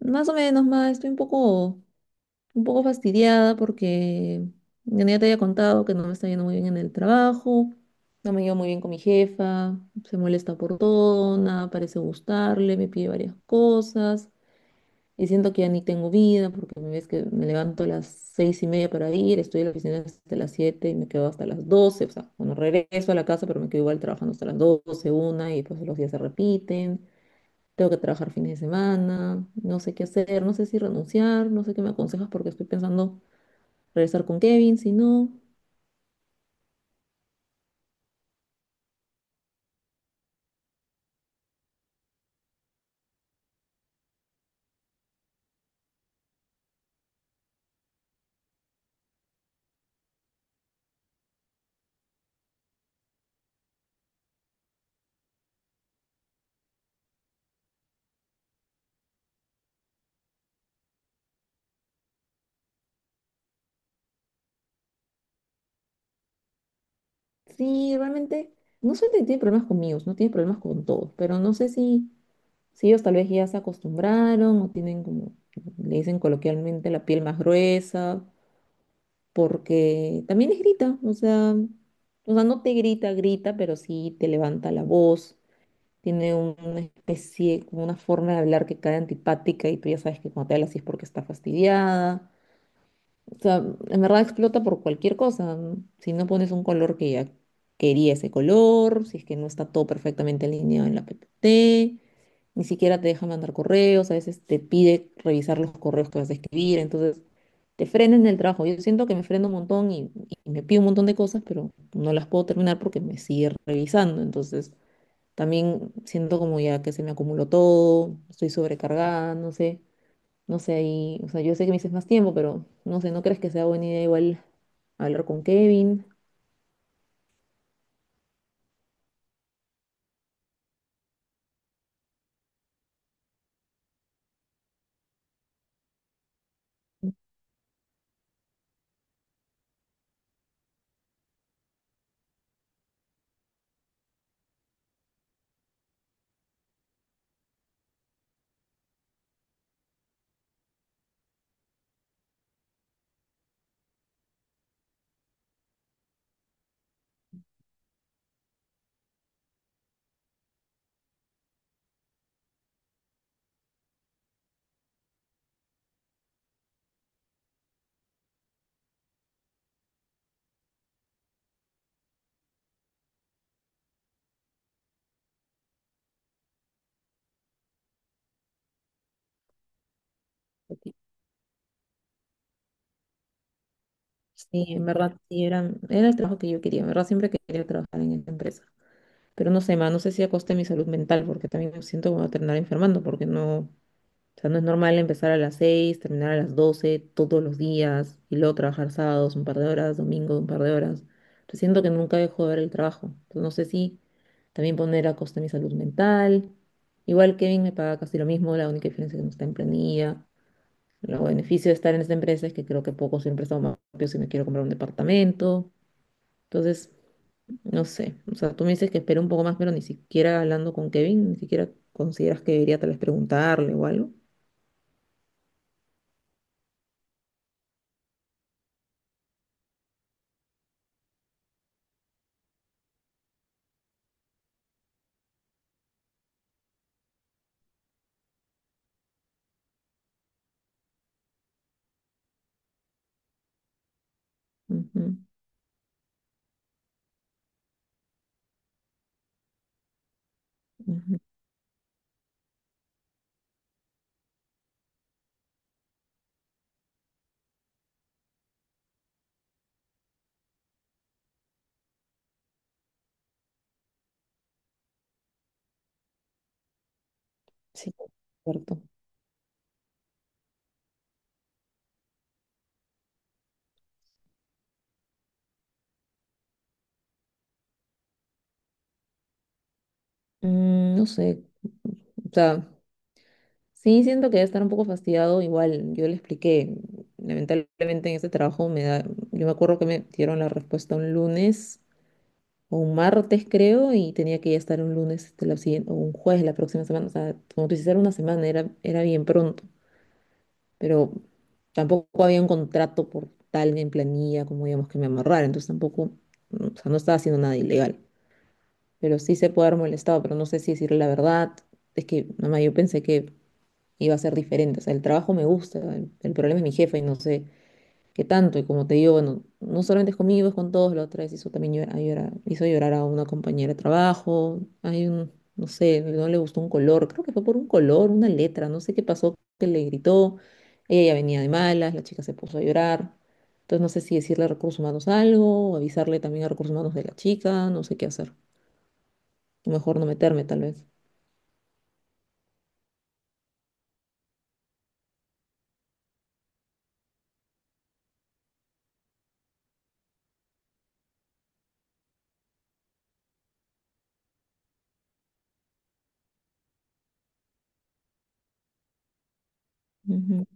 Más o menos, más, estoy un poco fastidiada porque ya te había contado que no me está yendo muy bien en el trabajo, no me llevo muy bien con mi jefa, se molesta por todo, nada parece gustarle, me pide varias cosas y siento que ya ni tengo vida porque me ves que me levanto a las 6:30 para ir, estoy en la oficina hasta las 7 y me quedo hasta las 12, o sea, bueno, regreso a la casa pero me quedo igual trabajando hasta las 12, 1, y pues los días se repiten. Tengo que trabajar fines de semana, no sé qué hacer, no sé si renunciar, no sé qué me aconsejas porque estoy pensando regresar con Kevin, si no. Sí, realmente, no sé si tiene problemas conmigo, no tiene problemas con todos, pero no sé si ellos tal vez ya se acostumbraron o tienen como, le dicen coloquialmente, la piel más gruesa, porque también les grita. O sea, no te grita, grita, pero sí te levanta la voz. Tiene una especie, como una forma de hablar que cae antipática, y tú ya sabes que cuando te habla así es porque está fastidiada. O sea, en verdad explota por cualquier cosa, ¿no? Si no pones un color que ya quería ese color, si es que no está todo perfectamente alineado en la PPT, ni siquiera te deja mandar correos, a veces te pide revisar los correos que vas a escribir, entonces te frena en el trabajo. Yo siento que me freno un montón y me pido un montón de cosas, pero no las puedo terminar porque me sigue revisando, entonces también siento como ya que se me acumuló todo, estoy sobrecargada, no sé, y, o sea, yo sé que me dices más tiempo, pero no sé, ¿no crees que sea buena idea igual hablar con Kevin? Porque Sí, en verdad, sí, era el trabajo que yo quería, en verdad siempre quería trabajar en esta empresa. Pero no sé, ma, no sé si a costa de mi salud mental, porque también me siento que me voy a terminar enfermando, porque no. O sea, no es normal empezar a las 6, terminar a las 12 todos los días y luego trabajar sábados un par de horas, domingo un par de horas. Entonces siento que nunca dejo de ver el trabajo. Entonces no sé si también poner a costa mi salud mental. Igual Kevin me paga casi lo mismo, la única diferencia es que no está en planilla. Los beneficios de estar en esta empresa es que creo que poco siempre está más rápido si me quiero comprar un departamento. Entonces, no sé. O sea, tú me dices que espero un poco más, pero ni siquiera hablando con Kevin, ni siquiera consideras que debería tal vez preguntarle o algo. Ujú, ujú. Sí, cierto. No sé, o sea, sí siento que debe estar un poco fastidiado. Igual yo le expliqué, lamentablemente en este trabajo me da, yo me acuerdo que me dieron la respuesta un lunes o un martes creo, y tenía que ya estar un lunes este, la siguiente, o un jueves la próxima semana. O sea, como tú dices, era una semana, era bien pronto, pero tampoco había un contrato por tal en planilla como digamos que me amarrar, entonces tampoco, o sea, no estaba haciendo nada ilegal. Pero sí se puede haber molestado, pero no sé si decirle la verdad. Es que, mamá, yo pensé que iba a ser diferente. O sea, el trabajo me gusta, el problema es mi jefa y no sé qué tanto. Y como te digo, bueno, no solamente es conmigo, es con todos. La otra vez hizo también hizo llorar a una compañera de trabajo. No sé, no le gustó un color. Creo que fue por un color, una letra, no sé qué pasó, que le gritó. Ella ya venía de malas, la chica se puso a llorar. Entonces no sé si decirle a recursos humanos algo, o avisarle también a recursos humanos de la chica, no sé qué hacer. Mejor no meterme, tal vez. Ujú,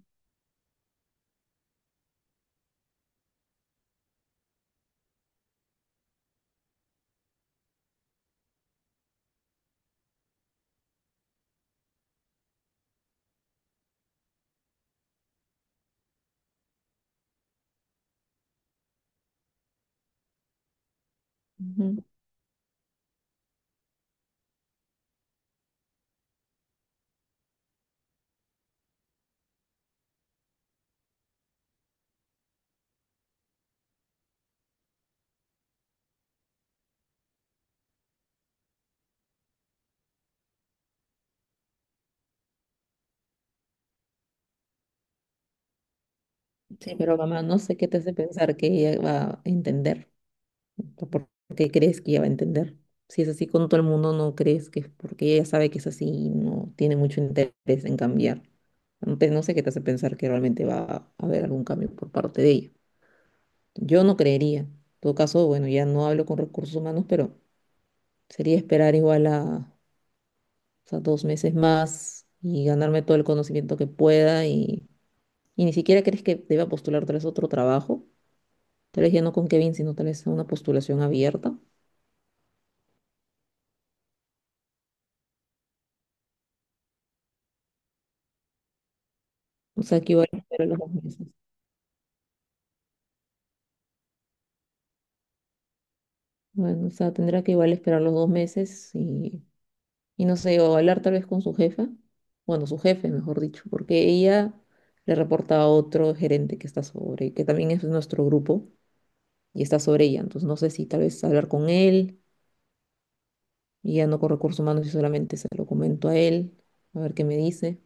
ujú. Sí, pero mamá, no sé qué te hace pensar que ella va a entender. ¿O ¿Por qué crees que ella va a entender? Si es así con todo el mundo, no crees que es porque ella sabe que es así y no tiene mucho interés en cambiar. No sé qué te hace pensar que realmente va a haber algún cambio por parte de ella. Yo no creería. En todo caso, bueno, ya no hablo con recursos humanos, pero sería esperar igual a, o sea, 2 meses más y ganarme todo el conocimiento que pueda. Y ni siquiera crees que deba postular tal vez otro trabajo, tal vez ya no con Kevin, sino tal vez a una postulación abierta. O sea, que igual esperar los 2 meses. Bueno, o sea, tendrá que igual esperar los 2 meses y no sé, o hablar tal vez con su jefa, bueno, su jefe, mejor dicho, porque ella le reporta a otro gerente que está sobre, que también es nuestro grupo y está sobre ella. Entonces, no sé si tal vez hablar con él y ya no con recursos humanos, y solamente se lo comento a él, a ver qué me dice.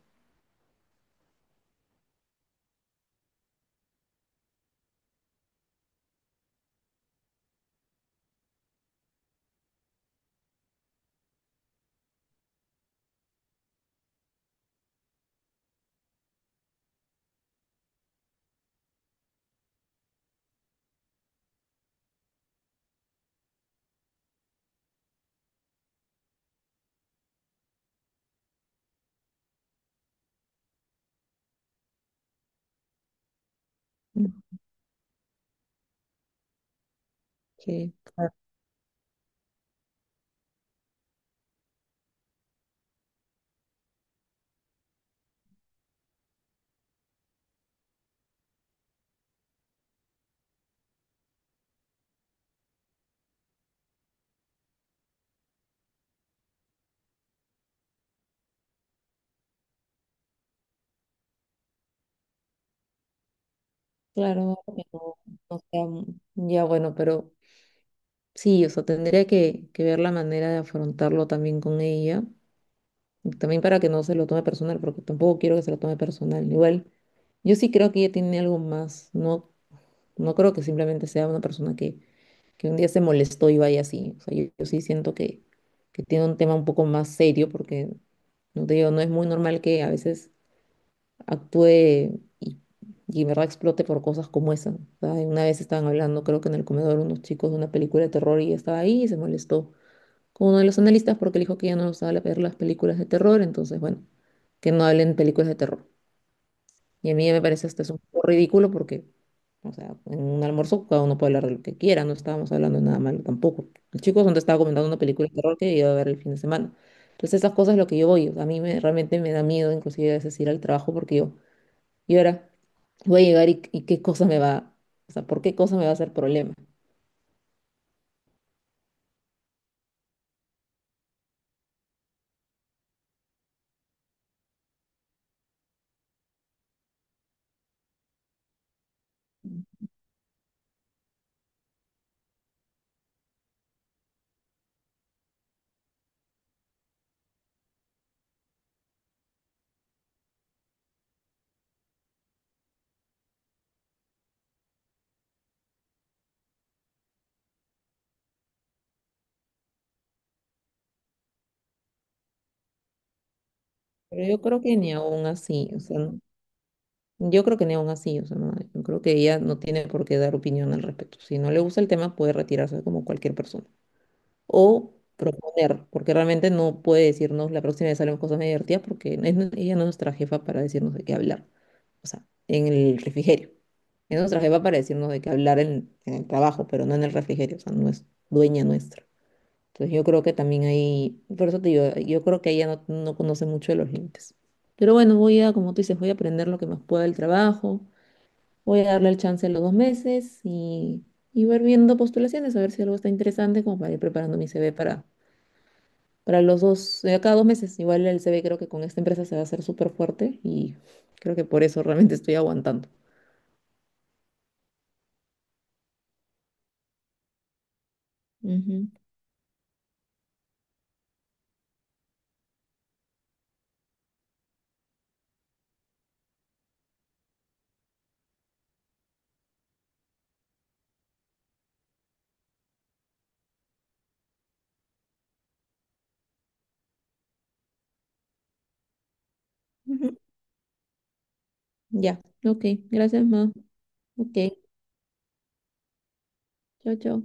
Mm, que, claro, algo que no, no sea ya bueno, pero sí, o sea, tendría que, ver la manera de afrontarlo también con ella, y también para que no se lo tome personal, porque tampoco quiero que se lo tome personal. Igual, yo sí creo que ella tiene algo más, no, no creo que simplemente sea una persona que un día se molestó y vaya así. O sea, yo sí siento que tiene un tema un poco más serio, porque, no te digo, no es muy normal que a veces actúe y, y en verdad explote por cosas como esa. O sea, una vez estaban hablando, creo que en el comedor, unos chicos de una película de terror, y ella estaba ahí y se molestó con uno de los analistas porque le dijo que ya no usaba ver las películas de terror, entonces, bueno, que no hablen películas de terror. Y a mí ya me parece hasta es un poco ridículo porque, o sea, en un almuerzo cada uno puede hablar de lo que quiera, no estábamos hablando de nada malo tampoco. El chico donde estaba comentando una película de terror que iba a ver el fin de semana. Entonces esas cosas es lo que yo voy, o sea, a mí me, realmente me da miedo inclusive a veces ir al trabajo, porque yo, y ahora voy a llegar y qué cosa me va, o sea, ¿por qué cosa me va a hacer problema? Pero yo creo que ni aún así, o sea, yo creo que ni aún así, o sea, no, yo creo que ella no tiene por qué dar opinión al respecto. Si no le gusta el tema, puede retirarse como cualquier persona. O proponer, porque realmente no puede decirnos la próxima vez haremos cosas más divertidas, porque es ella no es nuestra jefa para decirnos de qué hablar, o sea, en el refrigerio. Es nuestra jefa para decirnos de qué hablar en el trabajo, pero no en el refrigerio, o sea, no es dueña nuestra. Entonces yo creo que también ahí, por eso te digo, yo creo que ella no conoce mucho de los límites. Pero bueno, como tú dices, voy a aprender lo que más pueda del trabajo, voy a darle el chance a los 2 meses y ver viendo postulaciones, a ver si algo está interesante, como para ir preparando mi CV para los dos, cada 2 meses. Igual el CV creo que con esta empresa se va a hacer súper fuerte y creo que por eso realmente estoy aguantando. Ujú. Ujú. Ya, ok, gracias, ma. Ok, chao, chao.